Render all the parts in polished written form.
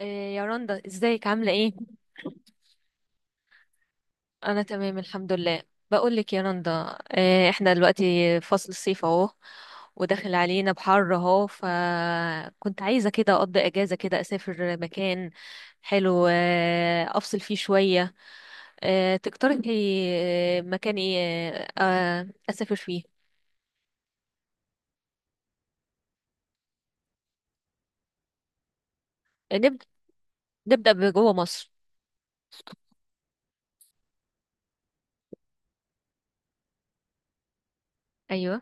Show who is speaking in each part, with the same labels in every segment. Speaker 1: إيه يا رندا ازيك عاملة ايه؟ انا تمام الحمد لله. بقولك يا رندا إيه، احنا دلوقتي فصل الصيف اهو، وداخل علينا بحر اهو، فكنت عايزة كده اقضي اجازة كده اسافر مكان حلو. إيه، افصل فيه شوية. إيه، تقترحي إيه، مكان ايه؟ اسافر فيه. نبدأ نبدأ بجوه مصر. ايوه.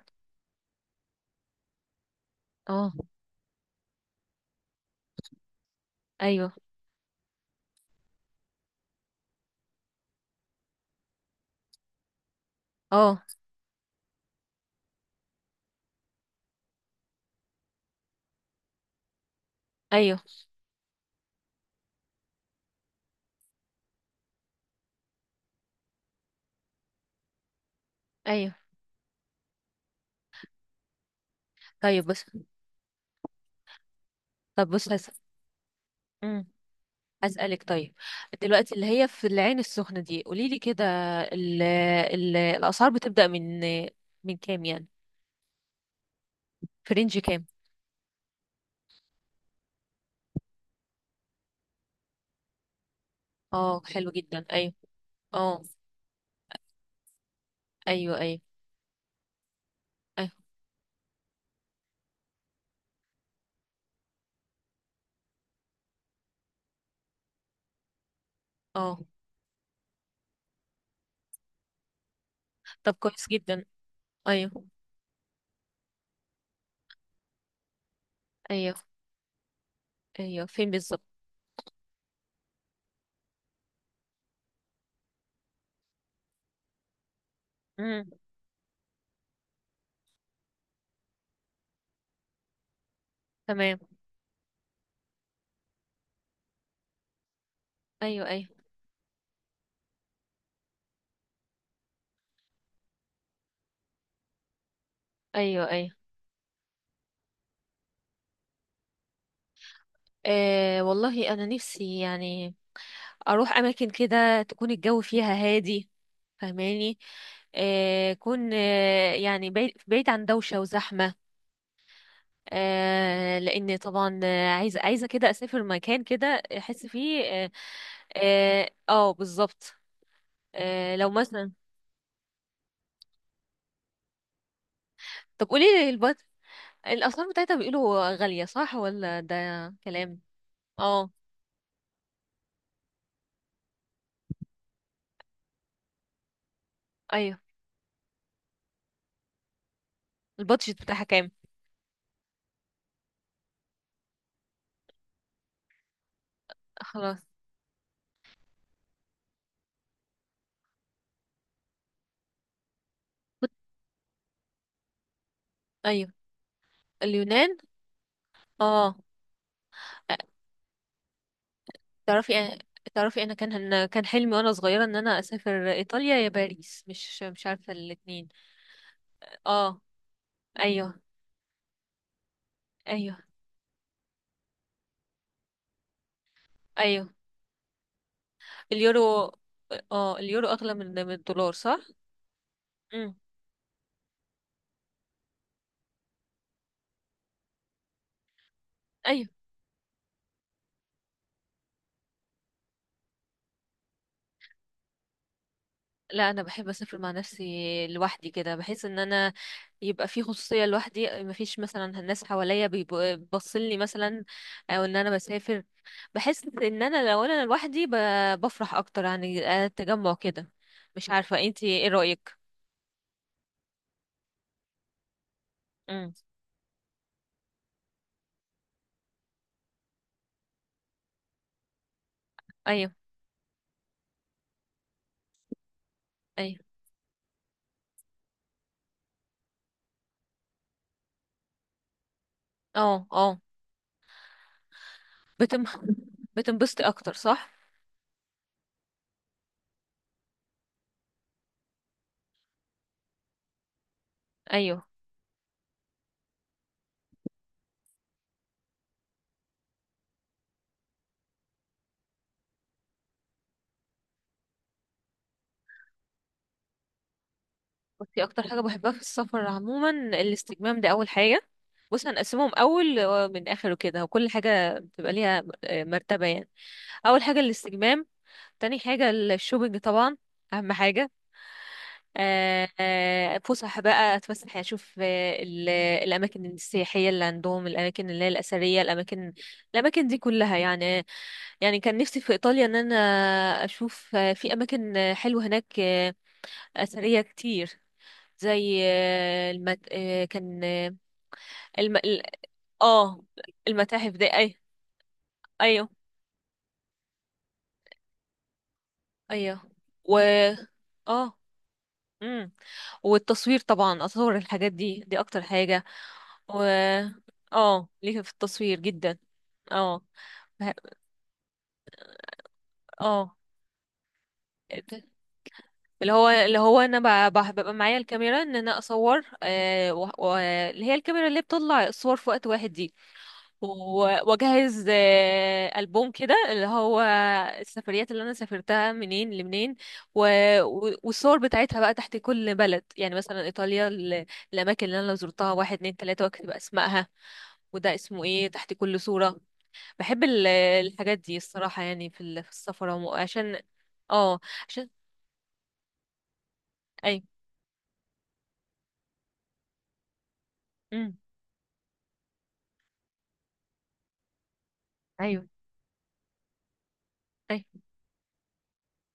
Speaker 1: اه. ايوه. اه. ايوه. ايوه. طيب بص. طب بص أسألك طيب. دلوقتي اللي هي في العين السخنة دي، قولي لي كده. ال ال الأسعار بتبدأ من كام يعني؟ في رينج كام؟ اه حلو جدا، ايوه. اه. ايوه. ايوه. ايوه. اه. طب كويس جدا. ايوه. ايوه. ايوه فين بالظبط؟ امم. تمام. ايوه. ايوه. ايوه. ايوه. والله انا نفسي يعني اروح اماكن كده تكون الجو فيها هادي، فهماني؟ آه كون آه يعني بعيد بعيد عن دوشة وزحمة. لان طبعا عايزه كده اسافر مكان كده احس فيه بالظبط. لو مثلا. طب قولي لي الاسعار بتاعتها، بيقولوا غاليه صح ولا ده كلام؟ اه. ايوه. البادجت بتاعها كام؟ خلاص. ايوه. اليونان. اه. تعرفي تعرفي انا كان، أنا كان حلمي وانا صغيره ان انا اسافر ايطاليا يا باريس، مش عارفه الاتنين. اه. ايوه. ايوه. ايوه. اليورو. اه اليورو اغلى من الدولار صح؟ امم. ايوه. لا انا بحب اسافر مع نفسي، لوحدي كده، بحيث ان انا يبقى في خصوصيه لوحدي، مفيش مثلا الناس حواليا بيبصلي مثلا، او ان انا بسافر بحس ان انا لو انا لوحدي بفرح اكتر يعني. التجمع كده مش عارفه، انتي ايه رايك؟ امم. ايوه. ايوه. اه. اه. بتم بتنبسطي اكتر صح؟ ايوه. بصي، اكتر حاجه بحبها في السفر عموما الاستجمام ده اول حاجه. بص هنقسمهم، اول من اخر وكده، وكل حاجه بتبقى ليها مرتبه يعني. اول حاجه الاستجمام، تاني حاجه الشوبينج طبعا اهم حاجه. فسح بقى اتفسح يعني، اشوف الاماكن السياحيه اللي عندهم، الاماكن اللي هي الاثريه، الاماكن، الاماكن دي كلها يعني. يعني كان نفسي في ايطاليا ان انا اشوف في اماكن حلوه هناك اثريه كتير، زي آه، المت... آه، كان آه، الم... ال- اه. المتاحف دي. ايوه. ايوه. و اه امم والتصوير طبعا، اصور الحاجات دي، دي اكتر حاجة. و اه ليه في التصوير جدا. اه. بح- اه اللي هو، انا ببقى معايا الكاميرا ان انا اصور، اللي هي الكاميرا اللي بتطلع الصور في وقت واحد دي. واجهز البوم كده اللي هو السفريات اللي انا سافرتها، منين لمنين، و... والصور بتاعتها بقى تحت كل بلد، يعني مثلا ايطاليا الاماكن اللي انا زرتها واحد اتنين تلاته، واكتب اسمائها وده اسمه ايه تحت كل صوره. بحب الحاجات دي الصراحه، يعني في في السفر عشان. اه. عشان اي. امم. ايوه. اي.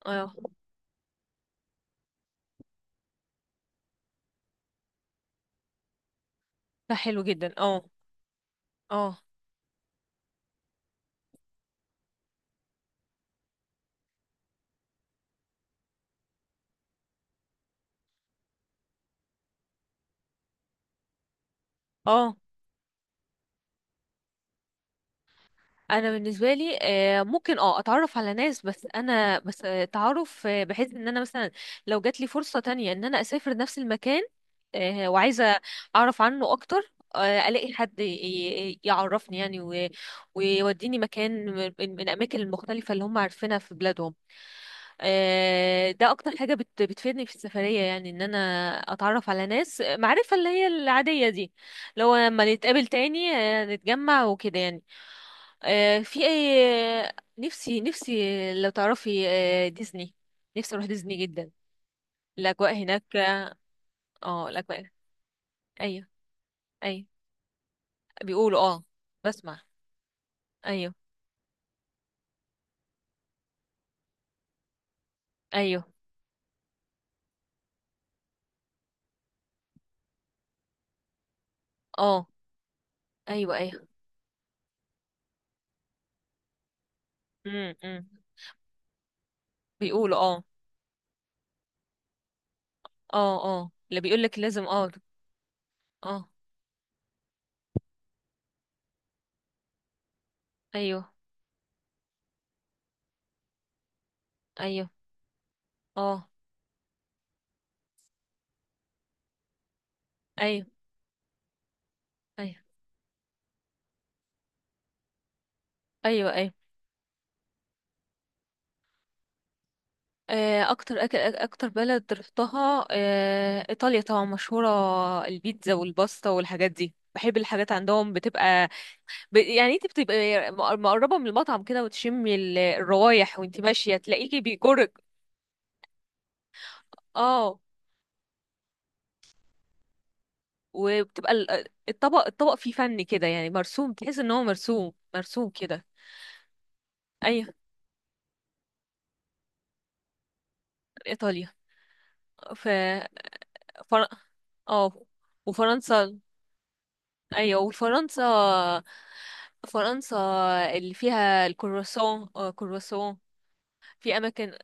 Speaker 1: اه. ده حلو جدا. اه. اه. اه. انا بالنسبه لي ممكن اه اتعرف على ناس، بس انا بس آه، تعرف آه، بحيث ان انا مثلا لو جات لي فرصه تانية ان انا اسافر نفس المكان، وعايزه اعرف عنه اكتر، الاقي حد يعرفني يعني ويوديني مكان من الاماكن المختلفه اللي هم عارفينها في بلادهم. ده اكتر حاجة بتفيدني في السفرية، يعني ان انا اتعرف على ناس معرفة اللي هي العادية دي، لو لما نتقابل تاني نتجمع وكده يعني. آه، في اي آه، نفسي، لو تعرفي ديزني، نفسي اروح ديزني جدا. الاجواء هناك اه. الاجواء. ايوه. ايوه. بيقولوا اه. بسمع. ايوه. ايوه. اه. ايوه. ايوه. امم. إمم. بيقولوا اه. اه. اه. اللي بيقولك لازم اه. اه. ايوه. ايوه. اه. ايوه. ايوه. ايوه. ايوه. اكتر أكل، اكتر بلد رحتها ايطاليا طبعا، مشهوره البيتزا والباستا والحاجات دي، بحب الحاجات عندهم بتبقى يعني انت بتبقى مقربه من المطعم كده، وتشمي الروايح وانت ماشيه تلاقيكي بيجرك. اه. وبتبقى الطبق فيه فن كده، يعني مرسوم، تحس ان هو مرسوم كده. ايوه. ايطاليا. ف فر... اه. وفرنسا. ايوه. وفرنسا. فرنسا اللي فيها الكرواسون، كرواسون. في اماكن.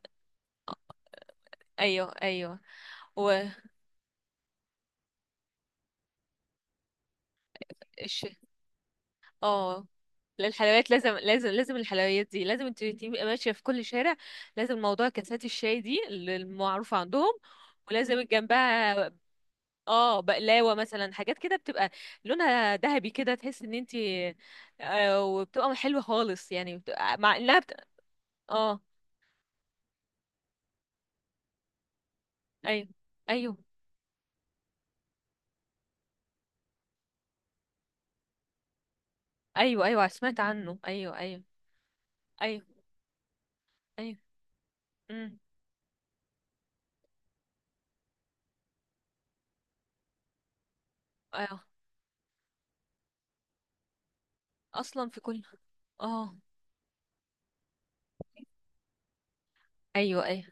Speaker 1: ايوه. ايوه. والش اه. الحلويات لازم، الحلويات دي لازم انت تبقي ماشيه في كل شارع لازم. موضوع كاسات الشاي دي اللي المعروفه عندهم، ولازم جنبها اه بقلاوه مثلا، حاجات كده بتبقى لونها ذهبي كده تحس ان انت وبتبقى حلوه خالص، يعني بتبقى مع انها اه. ايوه. ايوه. ايوه. ايوه سمعت عنه. ايوه. ايوه. ايوه. ايوه. امم. ايوه. اصلا في كل. اه. ايوه. ايوه.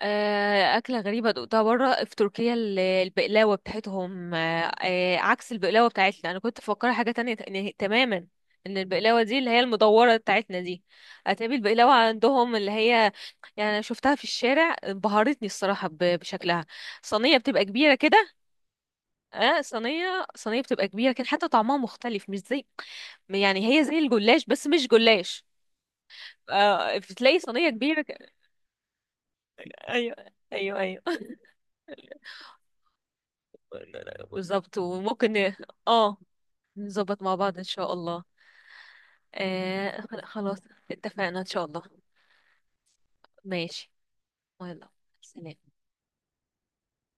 Speaker 1: أكلة غريبة دقتها برا في تركيا، البقلاوة بتاعتهم، عكس البقلاوة بتاعتنا. أنا كنت مفكرة حاجة تانية تماما. إن البقلاوة دي اللي هي المدورة بتاعتنا دي، هتقابل البقلاوة عندهم اللي هي، يعني أنا شفتها في الشارع، انبهرتني الصراحة بشكلها، صينية بتبقى كبيرة كده. اه صينية، بتبقى كبيرة، كان حتى طعمها مختلف مش زي، يعني هي زي الجلاش بس مش جلاش. آه بتلاقي صينية كبيرة ايوه. ايوه. ايوه. بالظبط، اه، نظبط مع بعض ان شاء الله. آه خلاص. اتفقنا ان شاء الله. ماشي. يلا. سلام.